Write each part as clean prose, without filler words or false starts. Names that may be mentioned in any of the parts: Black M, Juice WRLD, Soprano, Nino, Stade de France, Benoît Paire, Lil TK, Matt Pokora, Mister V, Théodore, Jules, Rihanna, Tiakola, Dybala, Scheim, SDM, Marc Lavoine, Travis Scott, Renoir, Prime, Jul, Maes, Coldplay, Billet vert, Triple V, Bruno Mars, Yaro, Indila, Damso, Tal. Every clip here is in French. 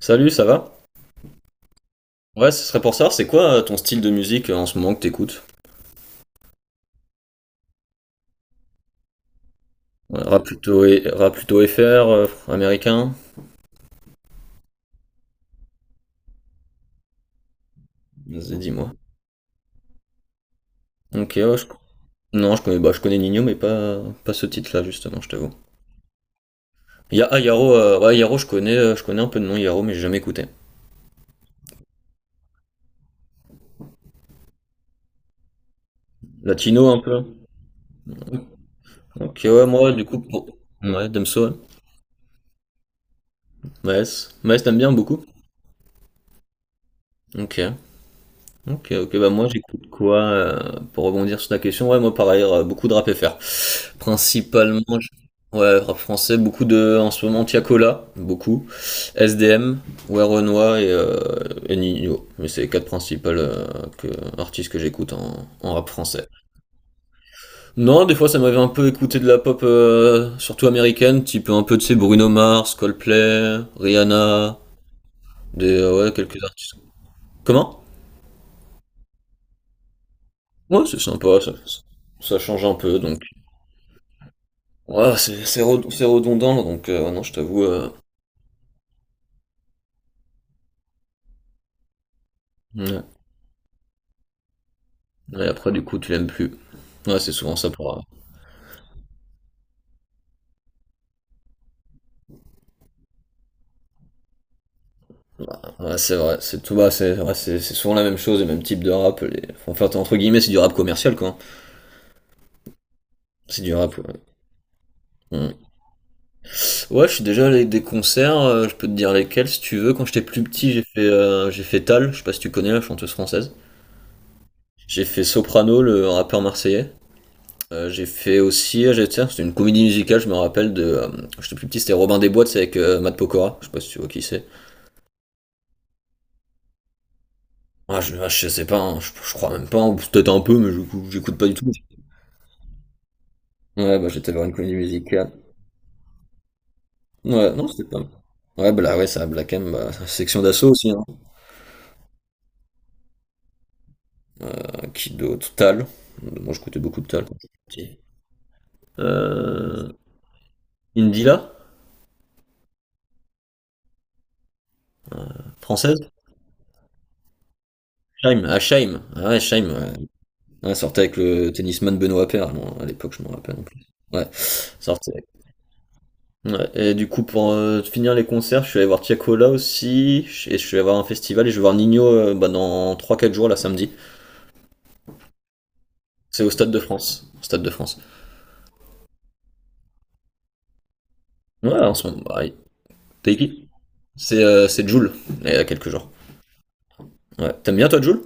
Salut, ça va? Ouais, ce serait pour ça. C'est quoi ton style de musique en ce moment que t'écoutes? Ouais, rap plutôt, rap plutôt FR, américain? Vas-y, dis-moi. Ok, ouais, je... Non, je connais, bah, je connais Nino, mais pas ce titre-là, justement, je t'avoue. Il y a, ah, Yaro, ouais, Yaro, je connais un peu de nom, Yaro, mais j'ai jamais écouté. Latino, un peu? Ok, ouais, moi, du coup, pour... Ouais, Damso, ouais. Maes. Maes, t'aimes bien beaucoup? Ok. Ok, ok, bah moi j'écoute quoi pour rebondir sur ta question? Ouais, moi pareil, beaucoup de rap F R, principalement, ouais, rap français, beaucoup de, en ce moment, Tiakola, beaucoup, SDM, ouais Renoir et Nino. Mais c'est les quatre principales que, artistes que j'écoute en rap français. Non, des fois ça m'avait un peu écouté de la pop, surtout américaine, type un peu de ces Bruno Mars, Coldplay, Rihanna, des, ouais, quelques artistes. Comment? Ouais, c'est sympa, ça change un peu, donc. Ouais, c'est redondant, donc ouais, non, je t'avoue. Ouais. Et après, du coup, tu l'aimes plus. Ouais, c'est souvent ça pour. euh, ouais, ouais, c'est vrai, c'est tout bas, c'est ouais, c'est souvent la même chose, le même type de rap. Les... Enfin, entre guillemets, c'est du rap commercial, quoi, hein. C'est du rap. Ouais. Mm. Ouais, je suis déjà allé à des concerts, je peux te dire lesquels si tu veux. Quand j'étais plus petit, j'ai fait Tal, je sais pas si tu connais la chanteuse française. J'ai fait Soprano, le rappeur marseillais. J'ai fait aussi, tiens, c'était une comédie musicale, je me rappelle de. J'étais plus petit, c'était Robin des Bois, c'est avec Matt Pokora, je sais pas si tu vois qui c'est. Ah, ah, je sais pas, hein, je crois même pas, ou peut-être un peu, mais j'écoute pas du tout. Ouais, bah j'étais voir une comédie musicale. Ouais, non, c'était pas mal. Ouais, bah là, ouais, ça, Black M, bah, section d'assaut aussi, hein. Qui d'autre? Tal. Moi, j'écoutais beaucoup de Tal quand j'étais petit. Euh, Indila, française? Scheim. Ah ouais, Scheim, ouais. Ouais, sortait avec le tennisman Benoît Paire, moi, à l'époque, je me rappelle en plus. Ouais, sortait. Ouais, et du coup, pour finir les concerts, je suis allé voir Tiakola aussi, et je suis allé voir un festival, et je vais voir Nino bah, dans trois quatre jours, là, samedi. C'est au Stade de France. Au Stade de France. Ouais, en ce moment, pareil. T'es qui? C'est Jules, il y a quelques jours. Ouais. T'aimes bien, toi, Jules?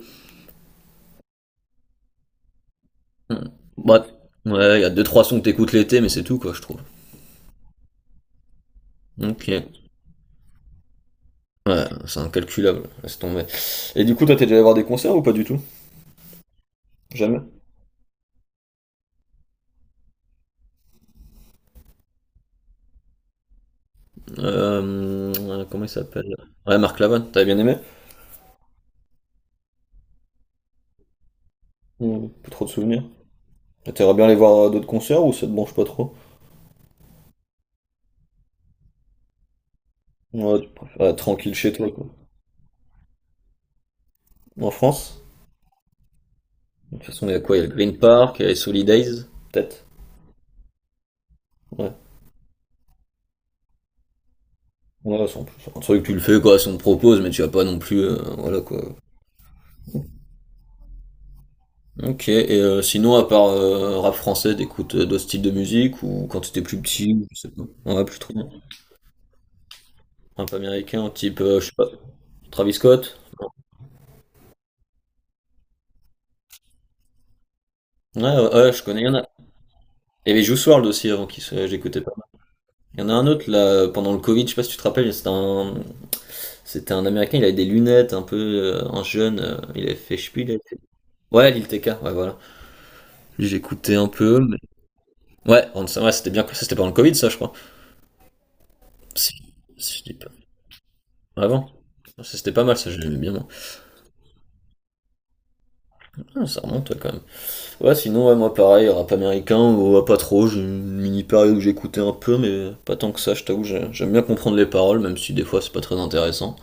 Hmm. Ouais, ouais, il y a deux trois sons que t'écoutes l'été, mais c'est tout, quoi, je trouve. Ok. Ouais, c'est incalculable, laisse tomber. Et du coup, toi, t'es déjà allé voir des concerts ou pas du tout? Jamais. Comment il s'appelle? Ouais, Marc Lavoine, t'avais bien aimé? Ou plus trop de souvenirs. T'aimerais bien aller voir d'autres concerts ou ça te branche pas trop? Ouais, tu préfères être tranquille chez toi, quoi. En France? De toute façon, il y a quoi? Il y a le Green Park, il y a les Days, peut-être. Ouais. Ouais, c'est plus. C'est un truc que tu le fais, quoi, si on te propose, mais tu vas pas non plus. Voilà, quoi. Ok, et sinon, à part rap français, t'écoutes d'autres styles de musique ou quand t'étais plus petit, ou je sais pas. Ouais, plus trop. Un peu américain, type, je sais pas, Travis Scott. Ouais, ouais, ouais, je connais, il y en a. Et y avait Juice WRLD aussi avant qui se... j'écoutais pas. Il y en a un autre là pendant le Covid, je sais pas si tu te rappelles, c'était un américain, il avait des lunettes, un peu un jeune, il avait fait Spiel, ouais, Lil TK, ouais voilà. Lui, j'écoutais un peu mais ouais, ouais, c'était bien ça, c'était pendant le Covid ça, je crois. Si, si je dis pas. Avant. Ça, c'était pas mal, ça j'aimais bien moi. Ah, ça remonte ouais, quand même. Ouais, sinon ouais, moi pareil, rap américain ou ouais, pas trop, j'ai une mini période où j'écoutais un peu mais pas tant que ça, je t'avoue, j'aime bien comprendre les paroles même si des fois c'est pas très intéressant.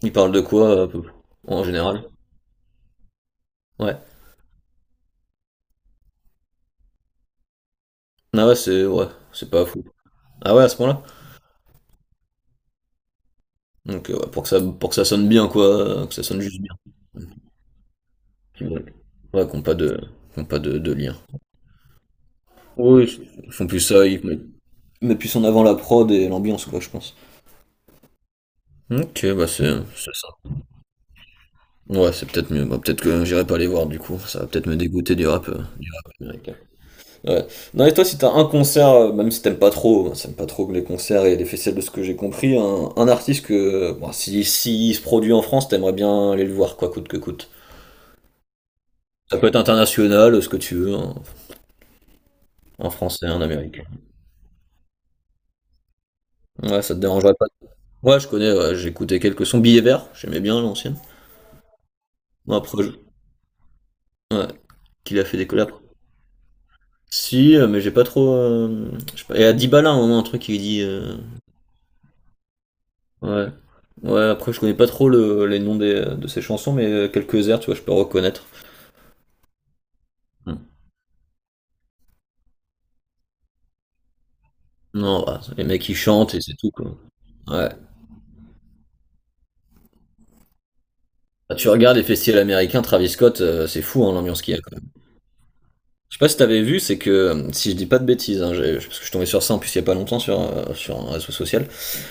Il parle de quoi en général? Ouais. Ah ouais, c'est pas fou. Ah ouais, à ce point-là? Donc ouais, pour que ça sonne bien quoi, que ça sonne juste bien. Ouais, ouais qu'on pas de lien. Oui, ils font plus ça, ils mettent plus en avant la prod et l'ambiance quoi, je pense. Ok, bah c'est ça. Ouais, c'est peut-être mieux. Bah, peut-être que j'irai pas les voir du coup, ça va peut-être me dégoûter du rap américain. Ouais. Non, et toi, si t'as un concert, même si t'aimes pas trop, hein, si t'aimes pas trop les concerts et les festivals de ce que j'ai compris, un artiste que, bon, si il se produit en France, t'aimerais bien aller le voir, quoi, coûte que coûte. Ça peut être international, ce que tu veux, hein, un français, un américain. Ouais, ça te dérangerait pas. Ouais, je connais, ouais, j'ai écouté quelques sons. Billet vert, j'aimais bien l'ancienne. Bon, après, ouais, qu'il a fait des collabs. Si, mais j'ai pas trop. Je sais pas. Et à Dybala, à un moment, un truc, il dit. Ouais. Ouais, après, je connais pas trop les noms de ces chansons, mais quelques airs, tu vois, je peux reconnaître. Hmm. Non, bah, les mecs ils chantent et c'est tout, quoi. Ouais. Bah, tu regardes les festivals américains, Travis Scott, c'est fou, hein, l'ambiance qu'il y a, quand même. Je sais pas si t'avais vu, c'est que, si je dis pas de bêtises, hein, parce que je suis tombé sur ça en plus il y a pas longtemps sur, sur un réseau social,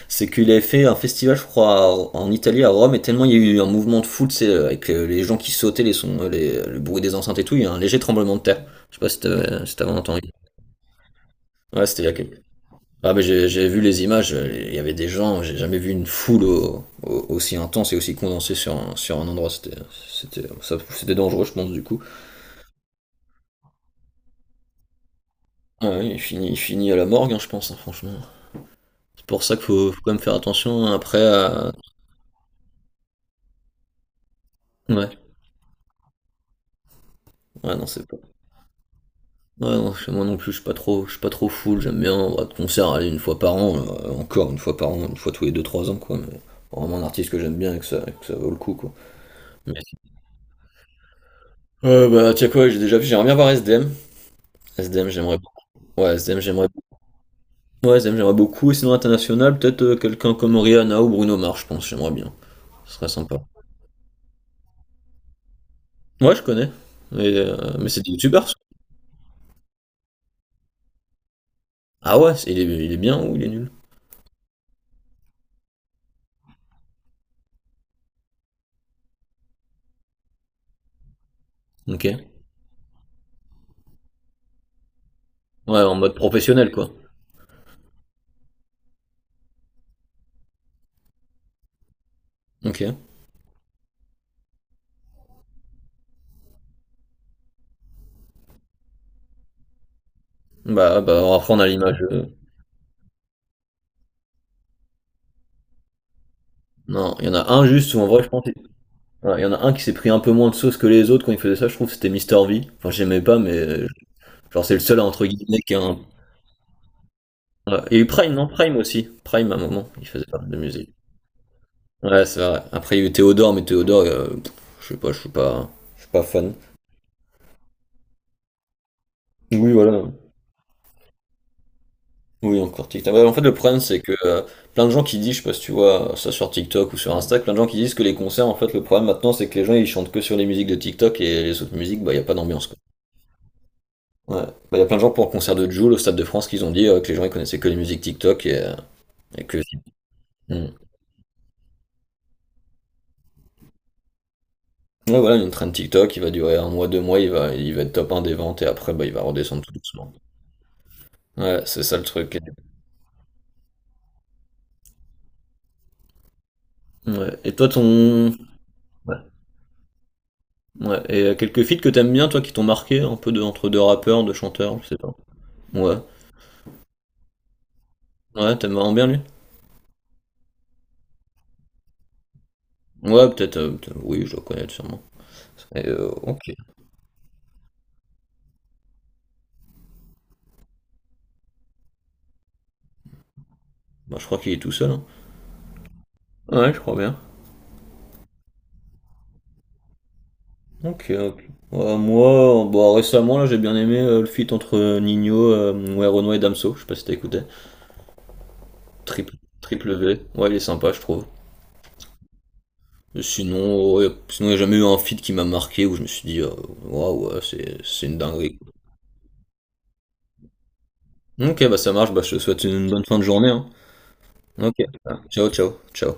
c'est qu'il avait fait un festival, je crois, en Italie, à Rome, et tellement il y a eu un mouvement de foule, c'est avec les gens qui sautaient, les sons, le bruit des enceintes et tout, il y a un léger tremblement de terre. Je sais pas si t'avais entendu. Ouais, c'était il y a quelques- Ah mais j'ai vu les images, il y avait des gens, j'ai jamais vu une foule aussi intense et aussi condensée sur un endroit, c'était dangereux je pense du coup. Ah oui, il finit à la morgue hein, je pense hein, franchement. C'est pour ça qu'il faut quand même faire attention hein, après à... Ouais, ouais non c'est pas... Ouais non, moi non plus je suis pas trop, foule, j'aime bien on va de concert aller une fois par an, encore une fois par an, une fois tous les deux trois ans quoi, mais vraiment un artiste que j'aime bien et que ça vaut le coup quoi. Mais- bah tiens quoi, j'ai déjà vu, j'aimerais bien voir S D M j'aimerais ouais, Zem, Zem, j'aimerais beaucoup. Et sinon, international, peut-être quelqu'un comme Rihanna ou Bruno Mars, je pense, j'aimerais bien. Ce serait sympa. Ouais, je connais. Mais c'est des youtubeurs, ça. Ah ouais, il est bien ou il est nul? Ok. Ouais, en mode professionnel, quoi. Ok. Bah, bah alors après, on a l'image. Non, il y en a un juste ou en vrai, je pense. Ouais, il y en a un qui s'est pris un peu moins de sauce que les autres quand il faisait ça, je trouve, c'était Mister V. Enfin, j'aimais pas, mais genre, c'est le seul, entre guillemets, qui a un. Ouais. Il y a eu Prime, non? Prime aussi. Prime, à un moment, il faisait pas mal de musique. Ouais, c'est vrai. Après, il y a eu Théodore, mais Théodore, pff, je sais pas, je suis pas fan. Oui, voilà. Oui, encore TikTok. Ouais, en fait, le problème, c'est que plein de gens qui disent, je sais pas si tu vois ça sur TikTok ou sur Insta, plein de gens qui disent que les concerts, en fait, le problème maintenant, c'est que les gens, ils chantent que sur les musiques de TikTok et les autres musiques, bah, il y a pas d'ambiance, quoi. Ouais. Bah, il y a plein de gens pour le concert de Jul au Stade de France qu'ils ont dit que les gens, ils connaissaient que les musiques TikTok et que. Hmm. Ouais, voilà, une traîne TikTok, il va durer un mois, deux mois, il va être top un des ventes et après, bah, il va redescendre tout doucement. Ouais, c'est ça le truc. Ouais. Et toi, ton. Ouais. Ouais. Et quelques feats que t'aimes bien, toi, qui t'ont marqué, un peu de, entre deux rappeurs, deux chanteurs, je sais pas. Ouais. Ouais, t'aimes vraiment bien lui? Ouais, peut-être. Oui, je dois connaître sûrement. Et, ok. Bah, je crois qu'il est tout seul, hein. Ouais, je crois bien. Ok, ok. Ouais, moi, bah, récemment, là, j'ai bien aimé le feat entre Nino, ouais, Renoir et Damso. Je sais pas si t'as écouté. Triple, triple V. Ouais, il est sympa, je trouve. Sinon, il n'y a jamais eu un feat qui m'a marqué où je me suis dit, waouh, ouais, c'est une dinguerie. Ok, bah ça marche, bah je te souhaite une bonne fin de journée, hein. Ok, ciao, ciao, ciao.